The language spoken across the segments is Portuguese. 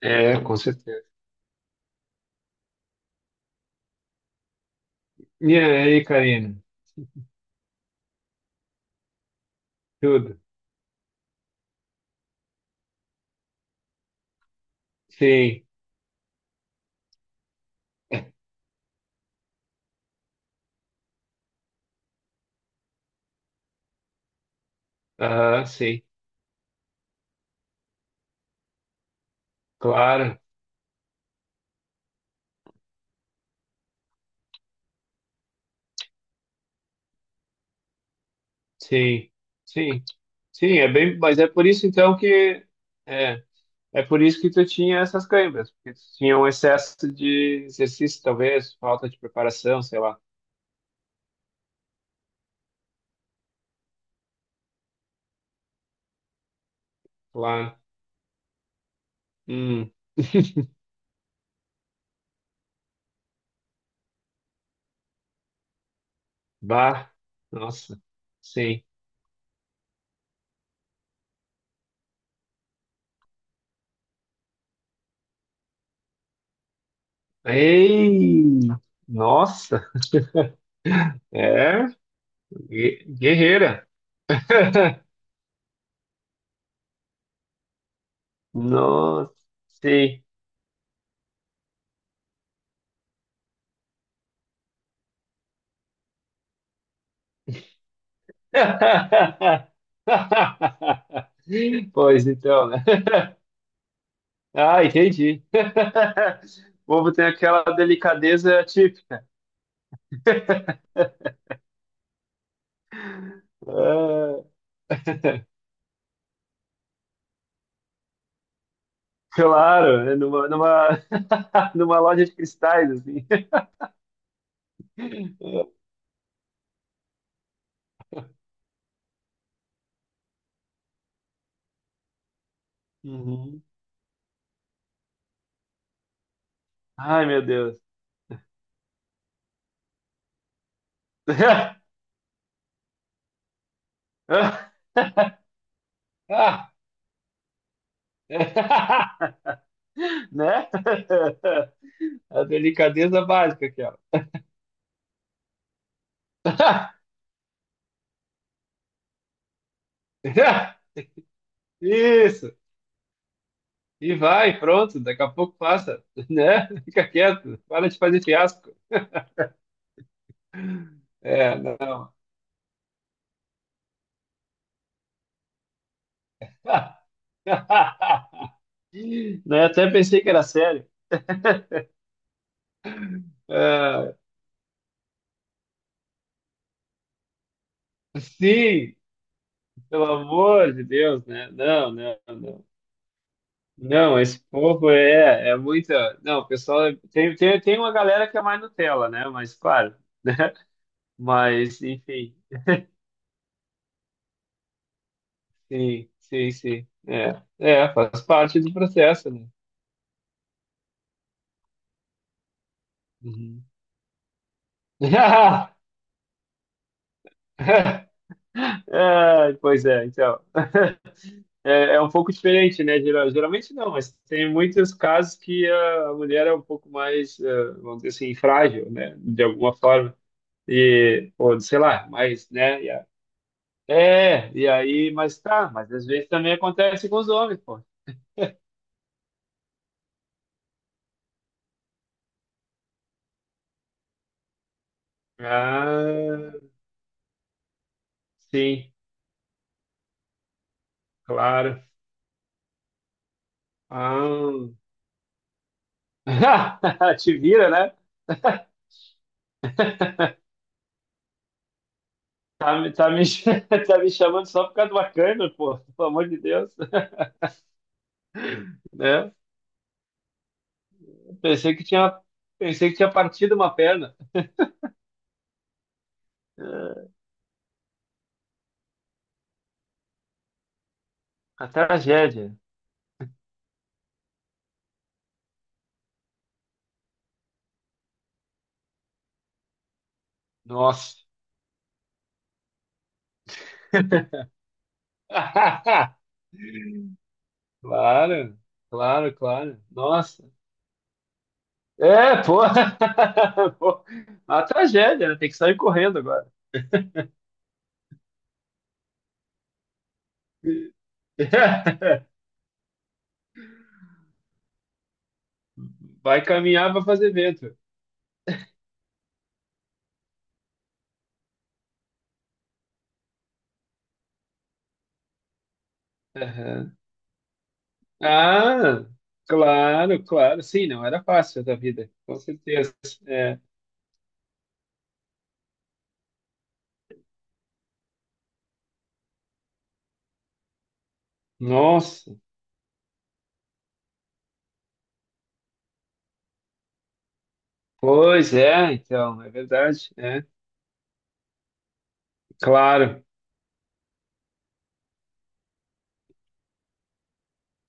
É, com certeza. E aí, Karina? Tudo? Sim. Aham, sim. Claro. Sim. Sim. Sim, é bem, mas é por isso então que é, é por isso que tu tinha essas câimbras, porque tu tinha um excesso de exercício, talvez, falta de preparação, sei lá. Claro. Hum. Bah. Nossa. Sim. Ei! Nossa. É, guerreira. Nossa, sim. Pois então, né? Ah, entendi. O povo tem aquela delicadeza típica. Ah, claro, né? Numa loja de cristais, assim. Uhum. Ai, meu Deus. Ah, né? A delicadeza básica aquela. Isso. E vai, pronto, daqui a pouco passa, né? Fica quieto, para de fazer fiasco. É, não. Né, até pensei que era sério. Ah, sim, pelo amor de Deus, né? Não, não, não. Não, esse povo é, é muita. Não, o pessoal. Tem, tem uma galera que é mais Nutella, né? Mas, claro. Mas, enfim. Sim, sim, sim. É, é, faz parte do processo, né? Uhum. Ah, pois é, então. É, é um pouco diferente, né? Geralmente não, mas tem muitos casos que a mulher é um pouco mais, vamos dizer assim, frágil, né? De alguma forma. E, ou sei lá, mas, né? É, e aí, mas tá, mas às vezes também acontece com os homens, pô. Ah, sim, claro. Ah, te vira, né? Tá, tá, me, tá me chamando só por causa do bacana, pô, pelo amor de Deus, né? Pensei que tinha, pensei que tinha partido uma perna. A tragédia. Nossa. Claro, claro, claro. Nossa. É, pô. Pô, a tragédia, né? Tem que sair correndo agora. Vai caminhar para fazer vento. Aham. Ah, claro, claro. Sim, não era fácil da vida, com certeza. É. Nossa, pois é, então, é verdade. É. Claro.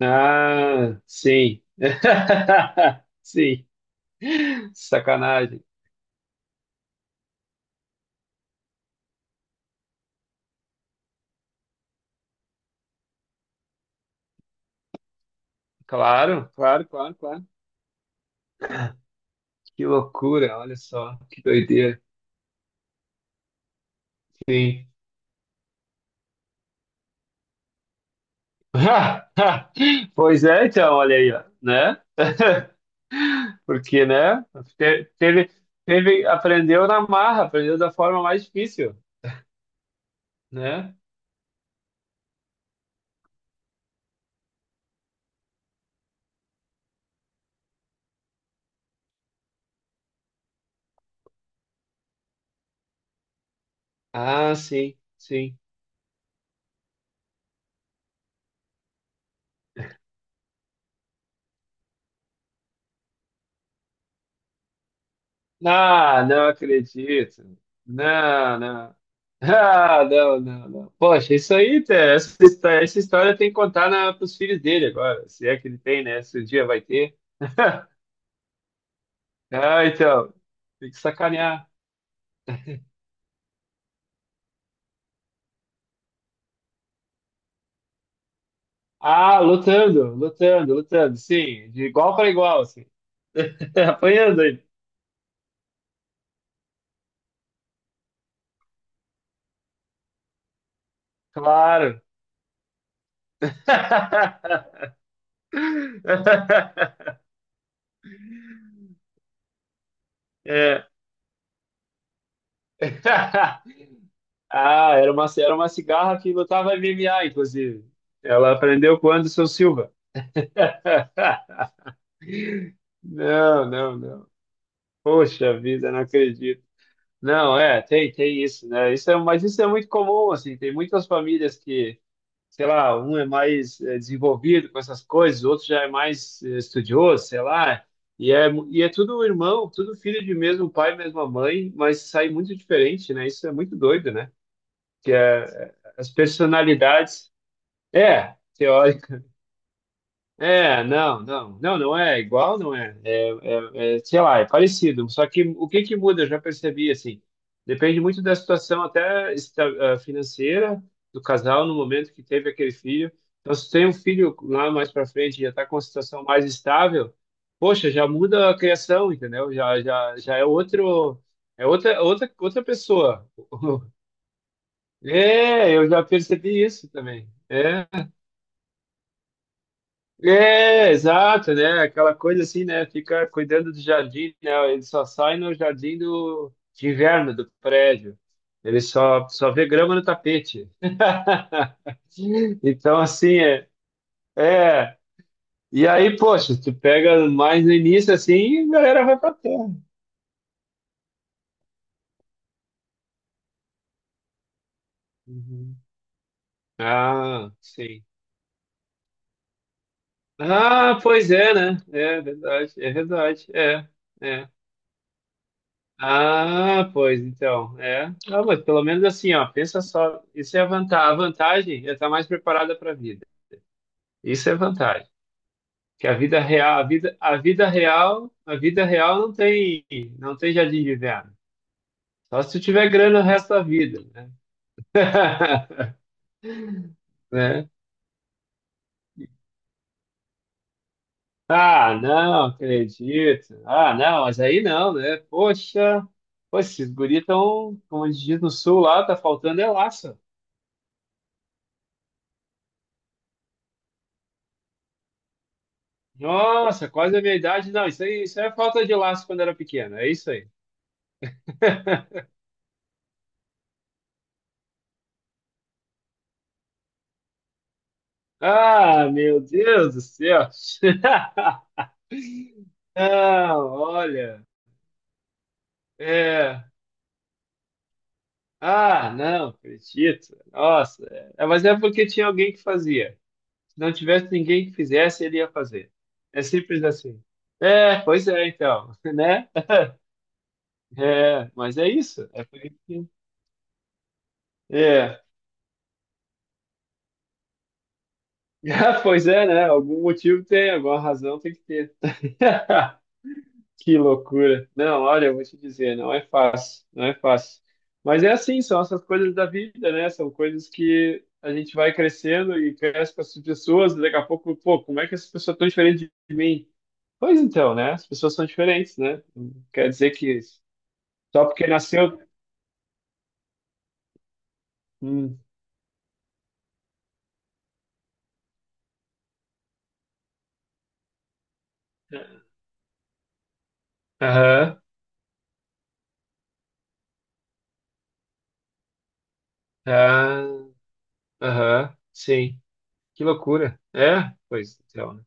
Ah, sim. Sim. Sacanagem. Claro, claro, claro, claro. Que loucura, olha só, que doideira. Sim. Pois é, então, olha aí, ó, né? Porque, né? Teve, teve, aprendeu na marra, aprendeu da forma mais difícil, né? Ah, sim, sim. Ah, não acredito. Não, não. Ah, não, não, não. Poxa, isso aí, essa história tem que contar para os filhos dele agora, se é que ele tem, né? Se o dia vai ter. Ah, então, tem que sacanear. Ah, lutando, lutando, lutando, sim, de igual para igual, assim. Apanhando aí, claro. É. Ah, era uma cigarra que lutava MMA, inclusive. Ela aprendeu com o Anderson Silva. Não, não, não. Poxa vida, não acredito. Não, é, tem, tem isso, né? Isso é, mas isso é muito comum, assim. Tem muitas famílias que, sei lá, um é mais desenvolvido com essas coisas, o outro já é mais estudioso, sei lá. E é, e é tudo irmão, tudo filho de mesmo pai, mesma mãe, mas sai muito diferente, né? Isso é muito doido, né? Que é, é, as personalidades é, teórica. É, não, não, não, não é igual, não é. É, é, sei lá, é parecido. Só que o que que muda, eu já percebi, assim, depende muito da situação até ah, financeira do casal no momento que teve aquele filho. Então, se tem um filho lá mais para frente e já está com uma situação mais estável, poxa, já muda a criação, entendeu? Já é outro, é outra pessoa. É, eu já percebi isso também. É. É, exato, né? Aquela coisa assim, né? Fica cuidando do jardim, né? Ele só sai no jardim do, de inverno do prédio. Ele só, só vê grama no tapete. Então, assim, é, é. E aí, poxa, tu pega mais no início, assim, e a galera vai pra terra. Uhum. Ah, sim. Ah, pois é, né? É verdade, é verdade. É, é. Ah, pois então, é. Ah, mas pelo menos assim, ó, pensa só, isso é a vantagem é estar mais preparada para a vida. Isso é vantagem. Que a vida real, a vida real não tem, não tem jardim de inverno. Só se tu tiver grana o resto da vida, né? Né? Ah, não, acredito. Ah, não, mas aí não, né? Poxa, poxa, esses guris estão, como a gente diz no sul lá, tá faltando é laço. Nossa, quase a minha idade. Não, isso aí é falta de laço quando era pequeno. É isso aí. Ah, meu Deus do céu. Não, olha. É. Ah, não, acredito. Nossa, é, mas é porque tinha alguém que fazia. Se não tivesse ninguém que fizesse, ele ia fazer. É simples assim. É, pois é, então, né? É, mas é isso. É por isso que. É. Ah, pois é, né? Algum motivo tem, alguma razão tem que ter. Que loucura. Não, olha, eu vou te dizer, não é fácil, não é fácil. Mas é assim, são essas coisas da vida, né? São coisas que a gente vai crescendo e cresce com as pessoas, e daqui a pouco, pô, como é que essa pessoa é tão diferente de mim? Pois então, né? As pessoas são diferentes, né? Não quer dizer que só porque nasceu. Hum. Aham, ah, aham, sim. Que loucura. É? Pois então, né?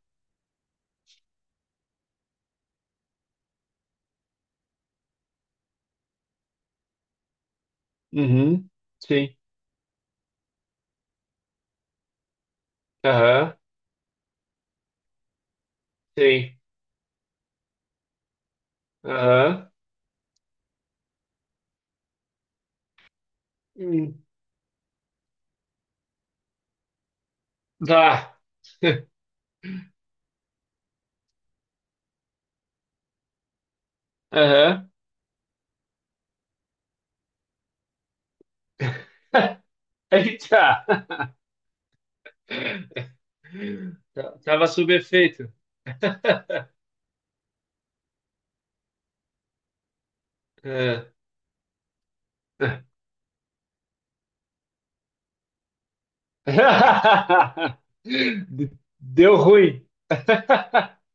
Uhum, sim. Aham, sim. Aham. Hum. Tá. Aham. Eita! Tava sob efeito. É. De- Deu ruim.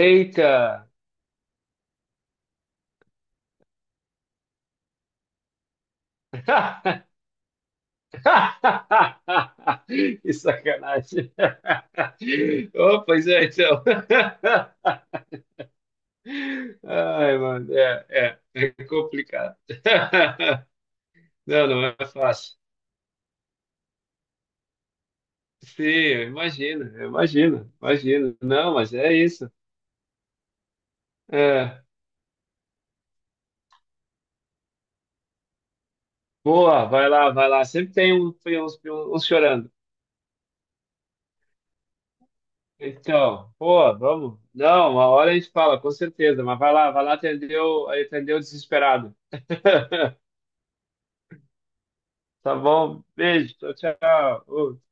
Eita! Que sacanagem. Oh, pois é, então. Ai, mano, é, é, é complicado. Não, não é fácil. Sim, eu imagino, imagino. Não, mas é isso. É, boa, vai lá, vai lá. Sempre tem uns, uns chorando. Então, boa, vamos. Não, uma hora a gente fala, com certeza. Mas vai lá atender atender o desesperado. Tá bom? Beijo, tchau, tchau. Ô,